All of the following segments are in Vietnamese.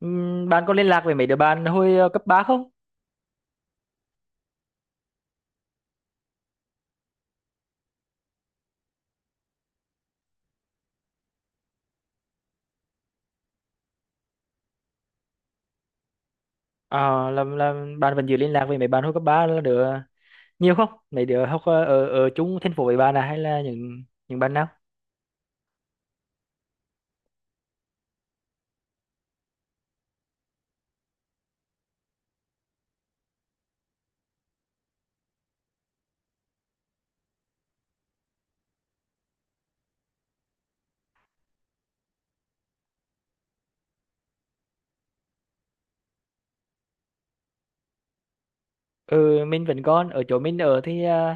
Bạn có liên lạc với mấy đứa bạn hồi cấp 3 không? Ờ, là Bạn vẫn giữ liên lạc với mấy bạn hồi cấp 3 là đứa nhiều không? Mấy đứa học ở ở chung thành phố với bạn à hay là những bạn nào? Ừ, mình vẫn còn ở chỗ mình ở thì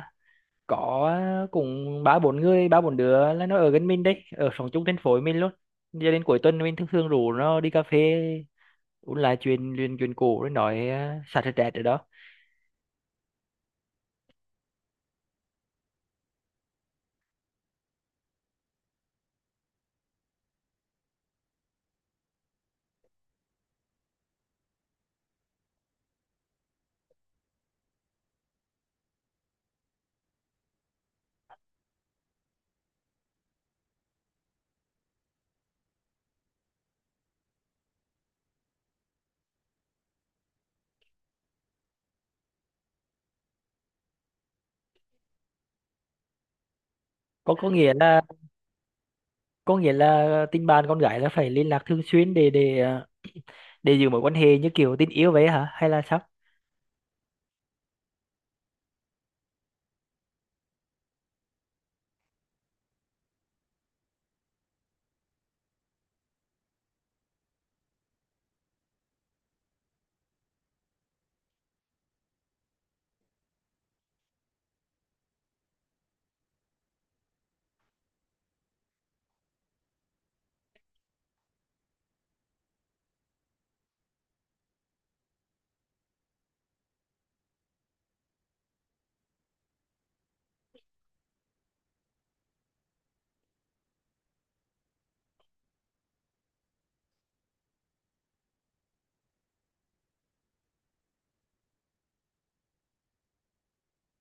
có cũng ba bốn người, ba bốn đứa là nó ở gần mình đấy, ở sống chung thành phố với mình luôn. Giờ đến cuối tuần mình thường thường rủ nó đi cà phê uống lại chuyện chuyện chuyện cũ rồi nói xả stress ở đó. Có nghĩa là có nghĩa là tình bạn con gái là phải liên lạc thường xuyên để để giữ mối quan hệ như kiểu tình yêu vậy hả hay là sao?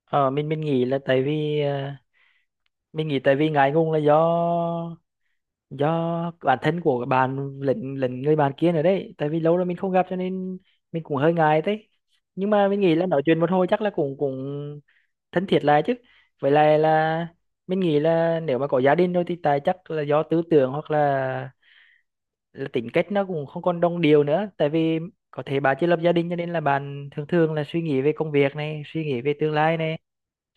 Ờ mình nghĩ là tại vì mình nghĩ tại vì ngại ngùng là do bản thân của bạn lẫn lẫn người bạn kia nữa đấy, tại vì lâu rồi mình không gặp cho nên mình cũng hơi ngại đấy. Nhưng mà mình nghĩ là nói chuyện một hồi chắc là cũng cũng thân thiết lại chứ. Với lại là mình nghĩ là nếu mà có gia đình rồi thì tại chắc là do tư tưởng hoặc là tính cách nó cũng không còn đồng điệu nữa, tại vì có thể bà chưa lập gia đình cho nên là bạn thường thường là suy nghĩ về công việc này, suy nghĩ về tương lai này,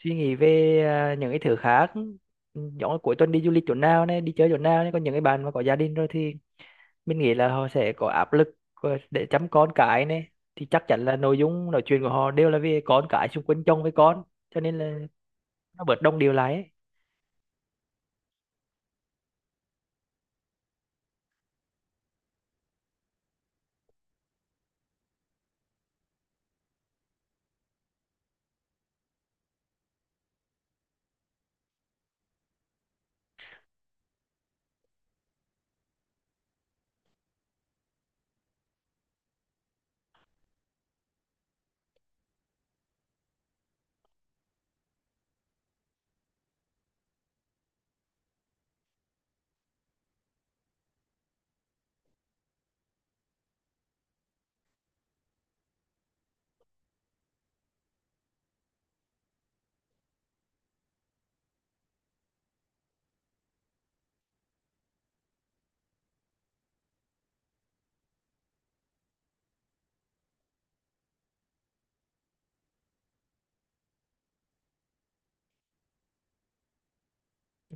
suy nghĩ về những cái thứ khác. Ừ, giống như cuối tuần đi du lịch chỗ nào này, đi chơi chỗ nào này. Còn những cái bạn mà có gia đình rồi thì mình nghĩ là họ sẽ có áp lực của- để chăm con cái này, thì chắc chắn là nội dung nói chuyện của họ đều là về con cái, xung quanh chồng với con, cho nên là nó bớt đồng điệu lại ấy.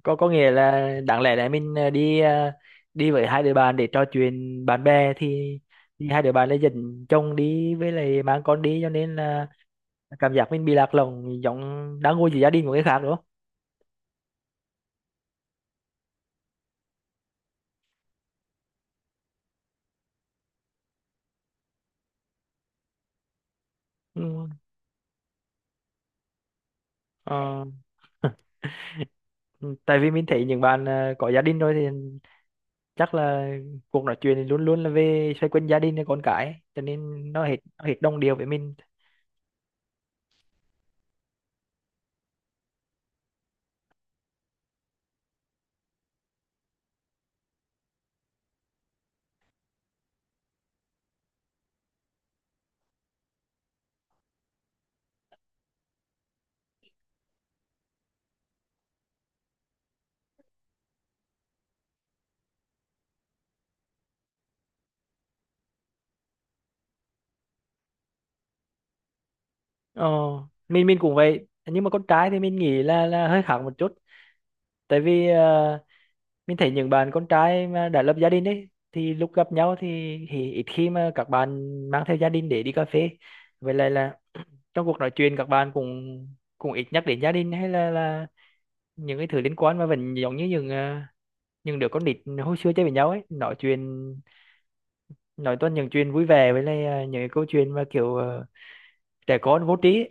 Có nghĩa là đáng lẽ là mình đi đi với hai đứa bạn để trò chuyện bạn bè thì hai đứa bạn lại dẫn chồng đi với lại mang con đi, cho nên là cảm giác mình bị lạc lõng giống đang ngồi giữa gia đình của người khác đúng không? Ừ. Ờ. Ừ, tại vì mình thấy những bạn có gia đình rồi thì chắc là cuộc nói chuyện thì luôn luôn là về xoay quanh gia đình và con cái ấy, cho nên nó hết đồng điệu với mình. Ờ, mình cũng vậy, nhưng mà con trai thì mình nghĩ là hơi khác một chút, tại vì mình thấy những bạn con trai mà đã lập gia đình ấy thì lúc gặp nhau thì ít khi mà các bạn mang theo gia đình để đi cà phê. Vậy là trong cuộc nói chuyện các bạn cũng cũng ít nhắc đến gia đình hay là những cái thứ liên quan, mà vẫn giống như những những đứa con nít hồi xưa chơi với nhau ấy, nói chuyện, nói toàn những chuyện vui vẻ với lại những cái câu chuyện mà kiểu trẻ con vô trí ấy.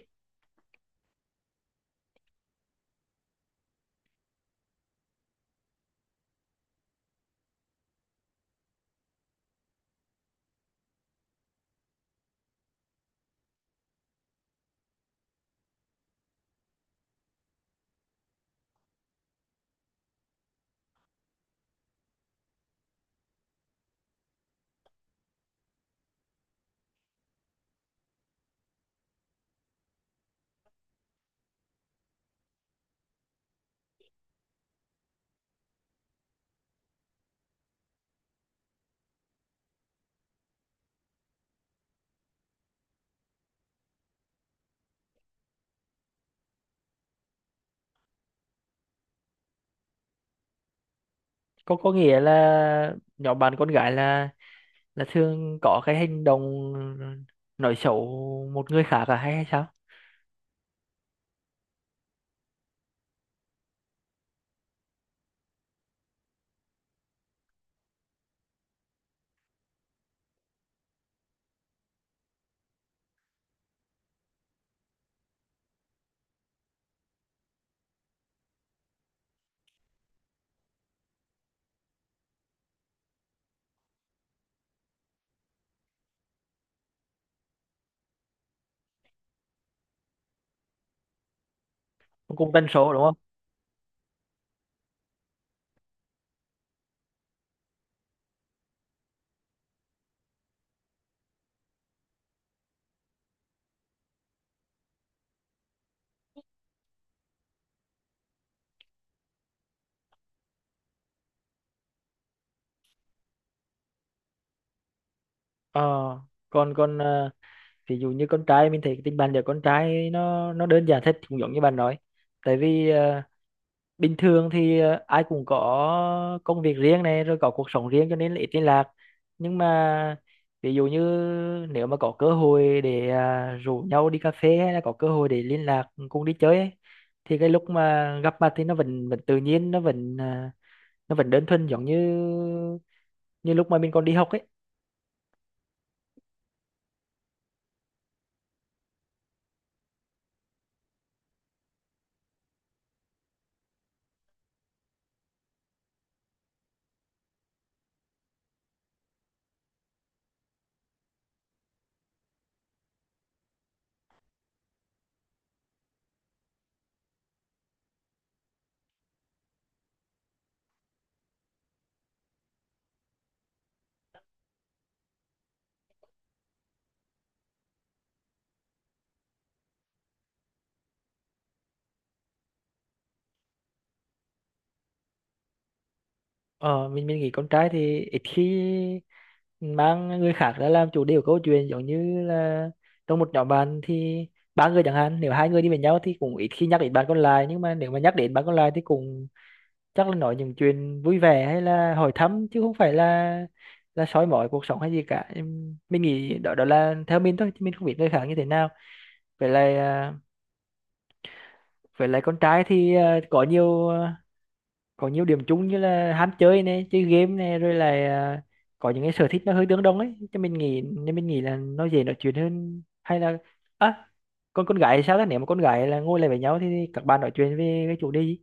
Có nghĩa là nhóm bạn con gái là thường có cái hành động ờ, nói xấu một người khác à hay hay sao? Cũng cũng tần số đúng không? Ờ, còn còn ờ, ví dụ như con trai mình thấy cái tình bạn giữa con trai nó đơn giản thật, cũng giống như bạn nói, tại vì bình thường thì ai cũng có công việc riêng này, rồi có cuộc sống riêng cho nên là ít liên lạc. Nhưng mà ví dụ như nếu mà có cơ hội để rủ nhau đi cà phê hay là có cơ hội để liên lạc cùng đi chơi ấy, thì cái lúc mà gặp mặt thì nó vẫn vẫn tự nhiên, nó vẫn nó vẫn đơn thuần giống như như lúc mà mình còn đi học ấy. Ờ, mình nghĩ con trai thì ít khi mang người khác ra làm chủ đề của câu chuyện, giống như là trong một nhóm bạn thì ba người chẳng hạn, nếu hai người đi với nhau thì cũng ít khi nhắc đến bạn còn lại, nhưng mà nếu mà nhắc đến bạn còn lại thì cũng chắc là nói những chuyện vui vẻ hay là hỏi thăm chứ không phải là soi mói cuộc sống hay gì cả. Mình nghĩ đó đó là theo mình thôi chứ mình không biết người khác như thế nào. vậy là à, vậy là con trai thì có nhiều điểm chung như là ham chơi này, chơi game này, rồi là có những cái sở thích nó hơi tương đồng ấy, cho mình nghĩ nên mình nghĩ là nó dễ nói chuyện hơn. Hay là à, con gái thì sao đó, nếu mà con gái là ngồi lại với nhau thì các bạn nói chuyện về cái chủ đề gì?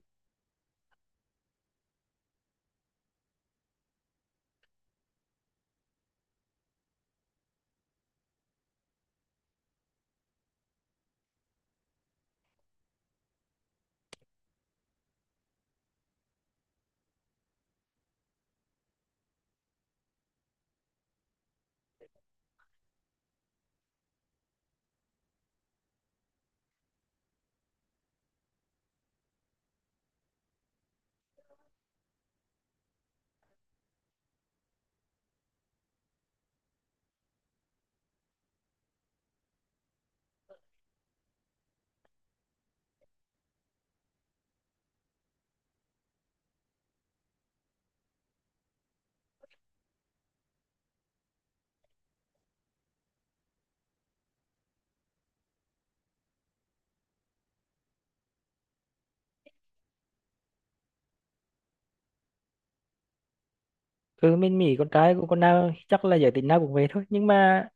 Ừ, mình nghĩ con trai của con nào chắc là giới tính nào cũng về thôi, nhưng mà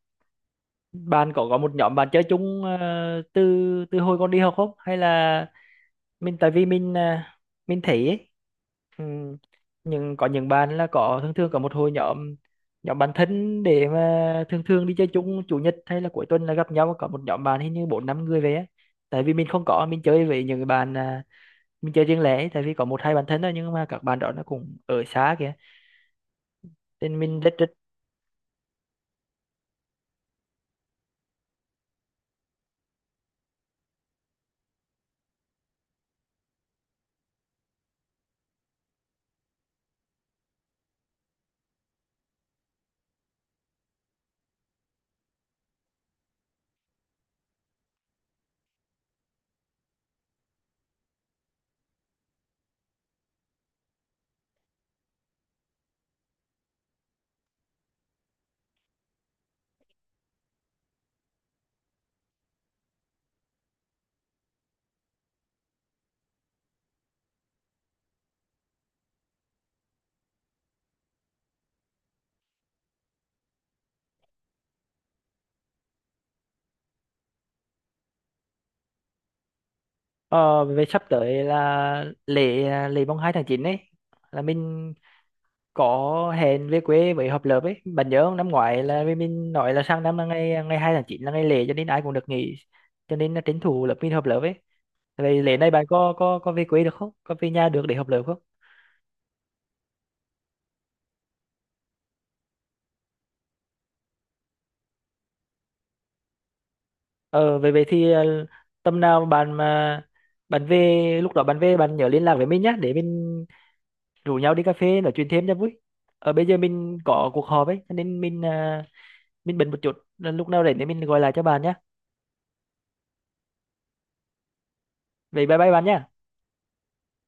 bạn có một nhóm bạn chơi chung ờ, từ từ hồi con đi học không, hay là mình tại vì mình mình thấy ấy, ừ, nhưng có những bạn là có thường thường có một hội nhóm, nhóm bạn thân để mà thường thường đi chơi chung chủ nhật hay là cuối tuần là gặp nhau, có một nhóm bạn hình như bốn năm người về á. Tại vì mình không có, mình chơi với những cái bạn mình chơi riêng lẻ ấy, tại vì có một hai bạn thân thôi nhưng mà các bạn đó nó cũng ở xa kìa, nên mình rất rất ờ, về sắp tới là lễ lễ mùng 2 tháng 9 ấy, là mình có hẹn về quê với hợp lớp ấy, bạn nhớ không, năm ngoái là vì mình nói là sang năm là ngày ngày 2 tháng 9 là ngày lễ cho nên ai cũng được nghỉ, cho nên là tranh thủ lớp mình hợp lớp ấy. Vậy lễ này bạn có về quê được không, có về nhà được để hợp lớp không? Ờ vậy vậy thì tầm nào bạn mà bạn về, lúc đó bạn về bạn nhớ liên lạc với mình nhá để mình rủ nhau đi cà phê nói chuyện thêm cho vui. Ờ bây giờ mình có cuộc họp ấy cho nên mình bận một chút, lúc nào rảnh thì mình gọi lại cho bạn nhá. Vậy bye bye bạn nhá.